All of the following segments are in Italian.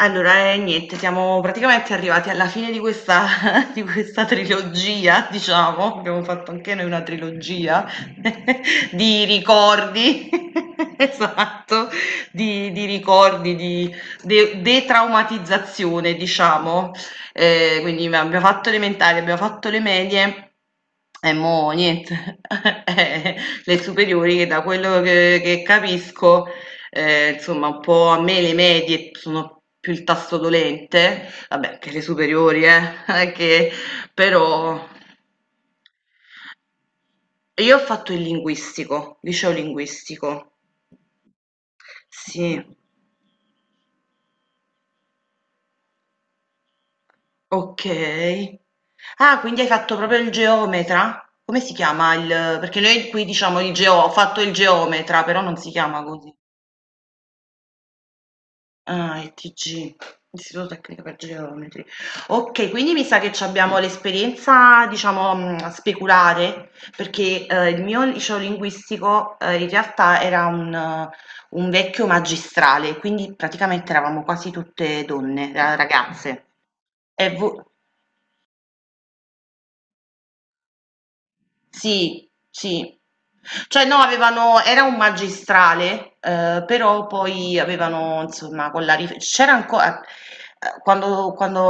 Allora, niente, siamo praticamente arrivati alla fine di questa, di questa trilogia, diciamo, abbiamo fatto anche noi una trilogia di ricordi, esatto, di ricordi, di detraumatizzazione, diciamo. Quindi abbiamo fatto elementari, abbiamo fatto le medie. E mo' niente, Eh, le superiori che da quello che capisco. Insomma un po' a me le medie sono più il tasto dolente, vabbè anche le superiori non è che però io ho fatto il linguistico, liceo linguistico. Sì, okay. Ah, quindi hai fatto proprio il geometra? Come si chiama il perché noi qui diciamo il geo ho fatto il geometra, però non si chiama così. Ah, ITG, Istituto Tecnico per Geometri. Ok, quindi mi sa che ci abbiamo l'esperienza, diciamo, speculare, perché il mio liceo linguistico in realtà era un vecchio magistrale, quindi praticamente eravamo quasi tutte donne, ragazze. E vo- sì, sì. Cioè no, avevano era un magistrale, però poi avevano, insomma, con la rif- c'era ancora,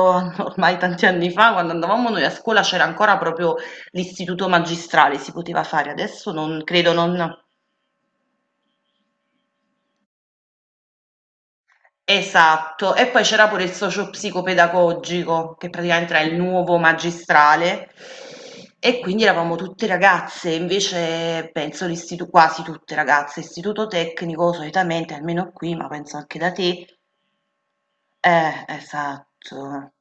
ormai tanti anni fa, quando andavamo noi a scuola, c'era ancora proprio l'istituto magistrale, si poteva fare, adesso non credo, non. Esatto, e poi c'era pure il socio-psicopedagogico, che praticamente era il nuovo magistrale, e quindi eravamo tutte ragazze, invece penso quasi tutte ragazze, istituto tecnico solitamente, almeno qui, ma penso anche da te, esatto,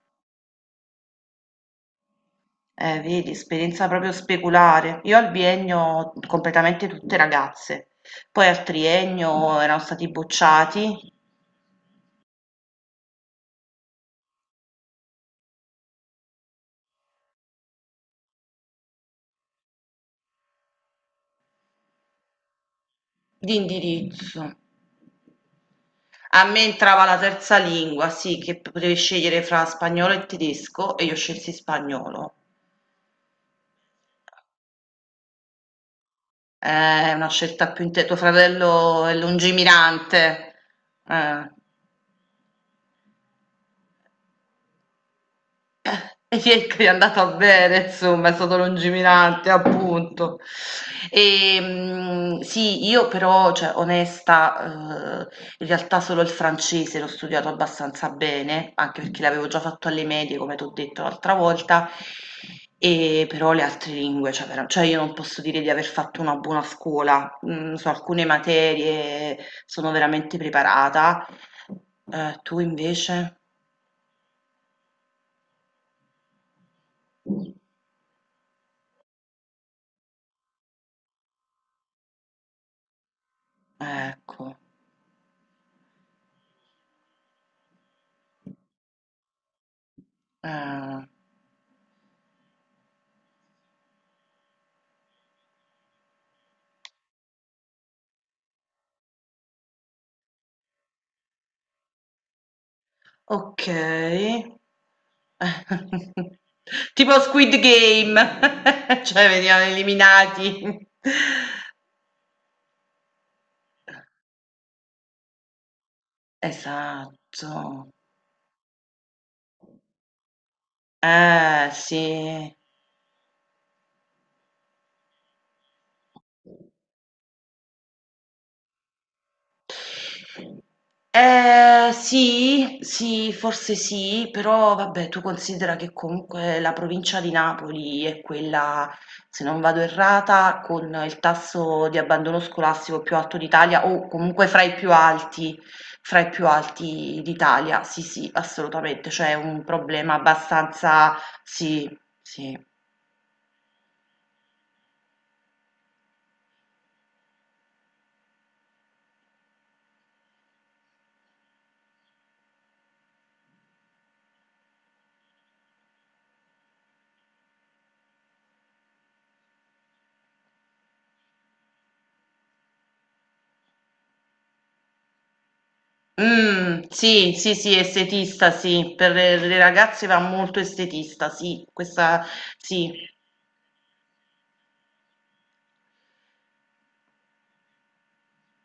vedi, esperienza proprio speculare. Io al biennio completamente tutte ragazze, poi al triennio erano stati bocciati di indirizzo. A me entrava la terza lingua, sì, che potevi scegliere fra spagnolo e tedesco e io scelsi spagnolo. È una scelta più inte tuo fratello è lungimirante. Eh. E niente, è andata bene, insomma, è stato lungimirante, appunto. Sì, io però, cioè, onesta, in realtà solo il francese l'ho studiato abbastanza bene, anche perché l'avevo già fatto alle medie, come ti ho detto l'altra volta, e però le altre lingue, cioè, vera- cioè, io non posso dire di aver fatto una buona scuola. Mm, su alcune materie sono veramente preparata. Tu invece? Ecco. Eh. Okay. Tipo Squid Game, cioè venivano eliminati. Esatto. Sì. Sì, sì, forse sì, però vabbè, tu considera che comunque la provincia di Napoli è quella, se non vado errata, con il tasso di abbandono scolastico più alto d'Italia o comunque fra i più alti, fra i più alti d'Italia. Sì, sì, assolutamente, cioè è un problema abbastanza, sì, sì. Sì, sì, sì, estetista, sì, per le ragazze va molto estetista, sì, questa sì,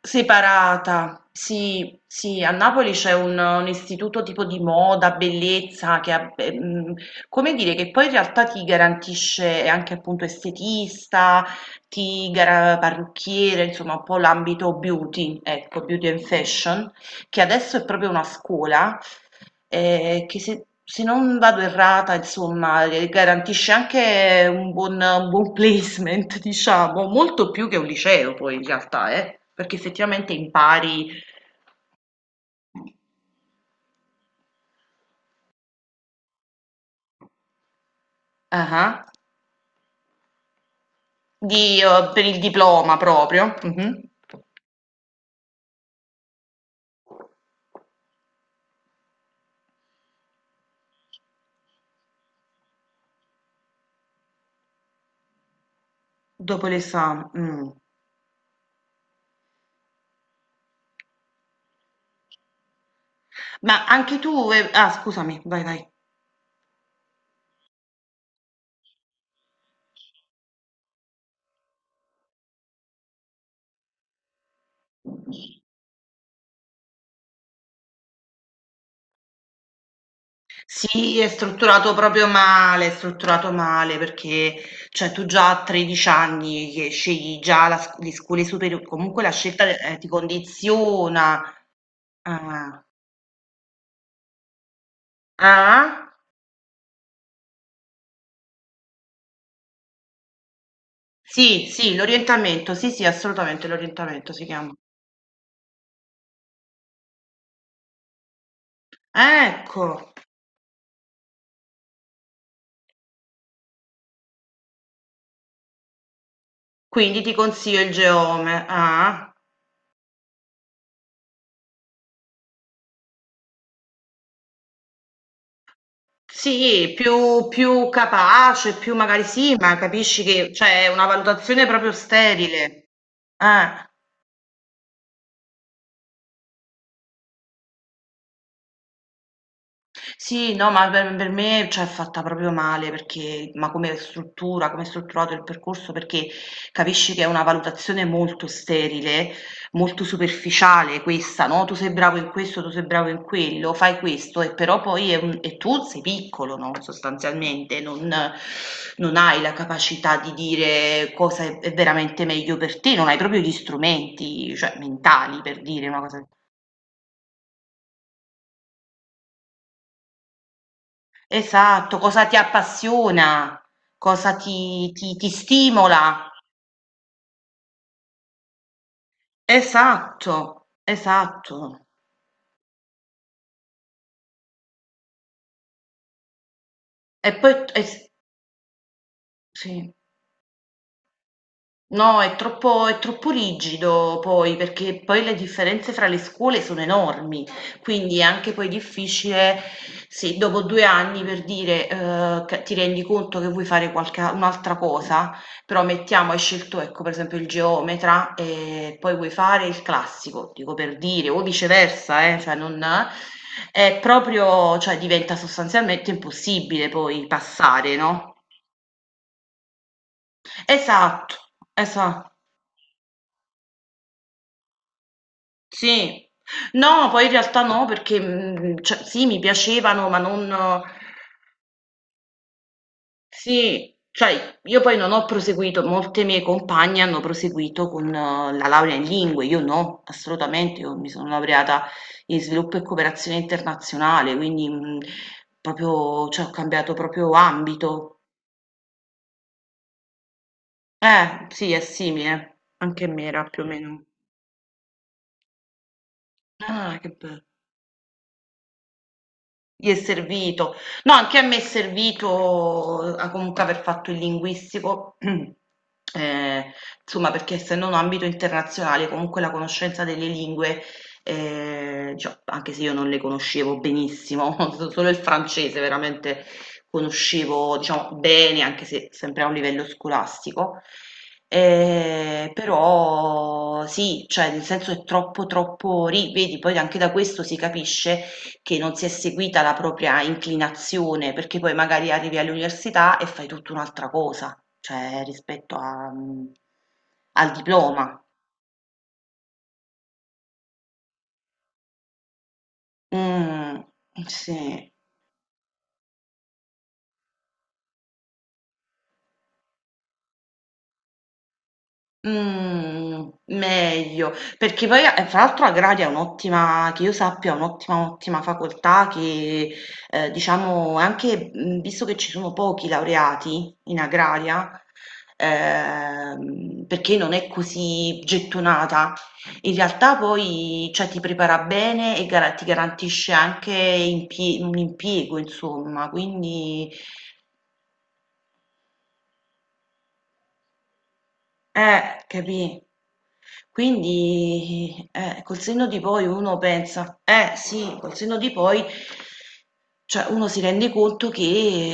separata. Sì, sì, a Napoli c'è un istituto tipo di moda, bellezza, che ha, beh, mhmm, come dire, che poi in realtà ti garantisce anche appunto estetista, ti gara parrucchiere, insomma un po' l'ambito beauty, ecco, beauty and fashion, che adesso è proprio una scuola. Che se se non vado errata insomma, garantisce anche un buon placement diciamo, molto più che un liceo poi in realtà perché effettivamente impari ah-ah, di per il diploma proprio, mh-mh, dopo l'esame. Ma anche tu ve ah scusami, vai. Sì, è strutturato proprio male, è strutturato male perché cioè, tu già a 13 anni che scegli già la le scuole superiori, comunque la scelta ti condiziona. Ah. Ah? Sì, sì, l'orientamento, sì, sì, assolutamente l'orientamento si chiama. Ecco, quindi ti consiglio il Geome. Ah? Sì, più, più capace, più magari sì, ma capisci che cioè, è una valutazione proprio sterile. Eh. Sì, no, ma per me, cioè, è fatta proprio male perché ma come struttura, come è strutturato il percorso, perché capisci che è una valutazione molto sterile, molto superficiale questa, no? Tu sei bravo in questo, tu sei bravo in quello, fai questo, e però poi è un- e tu sei piccolo, no? Sostanzialmente, non, non hai la capacità di dire cosa è veramente meglio per te, non hai proprio gli strumenti, cioè, mentali per dire una cosa. Esatto, cosa ti appassiona, cosa ti stimola. Esatto, esatto. E poi, es- sì. No, è troppo rigido poi, perché poi le differenze fra le scuole sono enormi, quindi è anche poi difficile se dopo due anni per dire che ti rendi conto che vuoi fare qualche, un'altra cosa, però mettiamo, hai scelto ecco per esempio il geometra e poi vuoi fare il classico, dico per dire, o viceversa, cioè non, è proprio, cioè diventa sostanzialmente impossibile poi passare, no? Esatto, esatto. Sì. No, poi in realtà no, perché, mhmm, cioè sì, mi piacevano, ma non sì, cioè io poi non ho proseguito, molte mie compagne hanno proseguito con la laurea in lingue, io no, assolutamente, io mi sono laureata in sviluppo e cooperazione internazionale, quindi, mhmm, proprio cioè ho cambiato proprio ambito. Sì, è simile, anche a me era più o meno. Ah, che be gli è servito. No, anche a me è servito comunque aver fatto il linguistico, insomma, perché essendo un ambito internazionale, comunque la conoscenza delle lingue, cioè, anche se io non le conoscevo benissimo, solo il francese veramente conoscevo, diciamo, bene, anche se sempre a un livello scolastico. Però sì, cioè nel senso è troppo, ri- vedi, poi anche da questo si capisce che non si è seguita la propria inclinazione, perché poi magari arrivi all'università e fai tutta un'altra cosa, cioè rispetto a, mhmm, al diploma. Mh, sì. Mhmm, meglio, perché poi a e fra l'altro agraria è un'ottima che io sappia è un'ottima, ottima facoltà che, diciamo anche, mhmm, visto che ci sono pochi laureati in agraria, perché non è così gettonata, in realtà poi, cioè ti prepara bene e gara ti garantisce anche impie un impiego insomma, quindi eh, capì? Quindi, col senno di poi uno pensa, eh sì, col senno di poi, cioè uno si rende conto che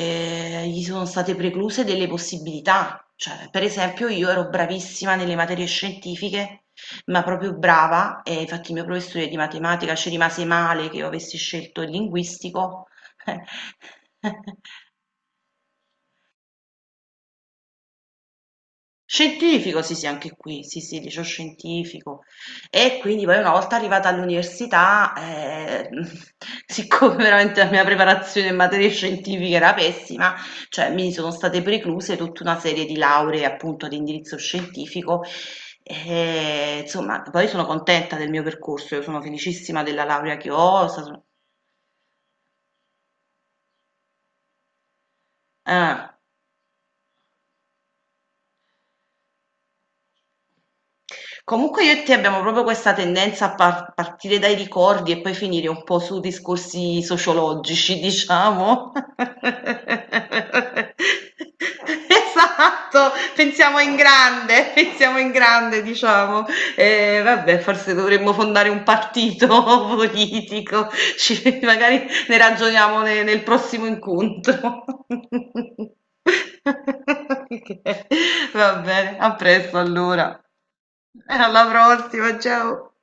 gli sono state precluse delle possibilità. Cioè, per esempio, io ero bravissima nelle materie scientifiche, ma proprio brava, e infatti il mio professore di matematica ci rimase male che io avessi scelto il linguistico. Scientifico, sì, sì, anche qui, sì, sì, liceo scientifico. E quindi poi una volta arrivata all'università, siccome veramente la mia preparazione in materie scientifiche era pessima, cioè mi sono state precluse tutta una serie di lauree appunto di indirizzo scientifico. E, insomma, poi sono contenta del mio percorso, io sono felicissima della laurea che ho. È stato- eh. Comunque io e te abbiamo proprio questa tendenza a par- partire dai ricordi e poi finire un po' su discorsi sociologici, diciamo. Esatto, pensiamo in grande, pensiamo in grande, diciamo. Vabbè, forse dovremmo fondare un partito politico. Ci- magari ne ragioniamo ne- nel prossimo incontro. Ok, va bene, a presto allora. Alla prossima, ciao!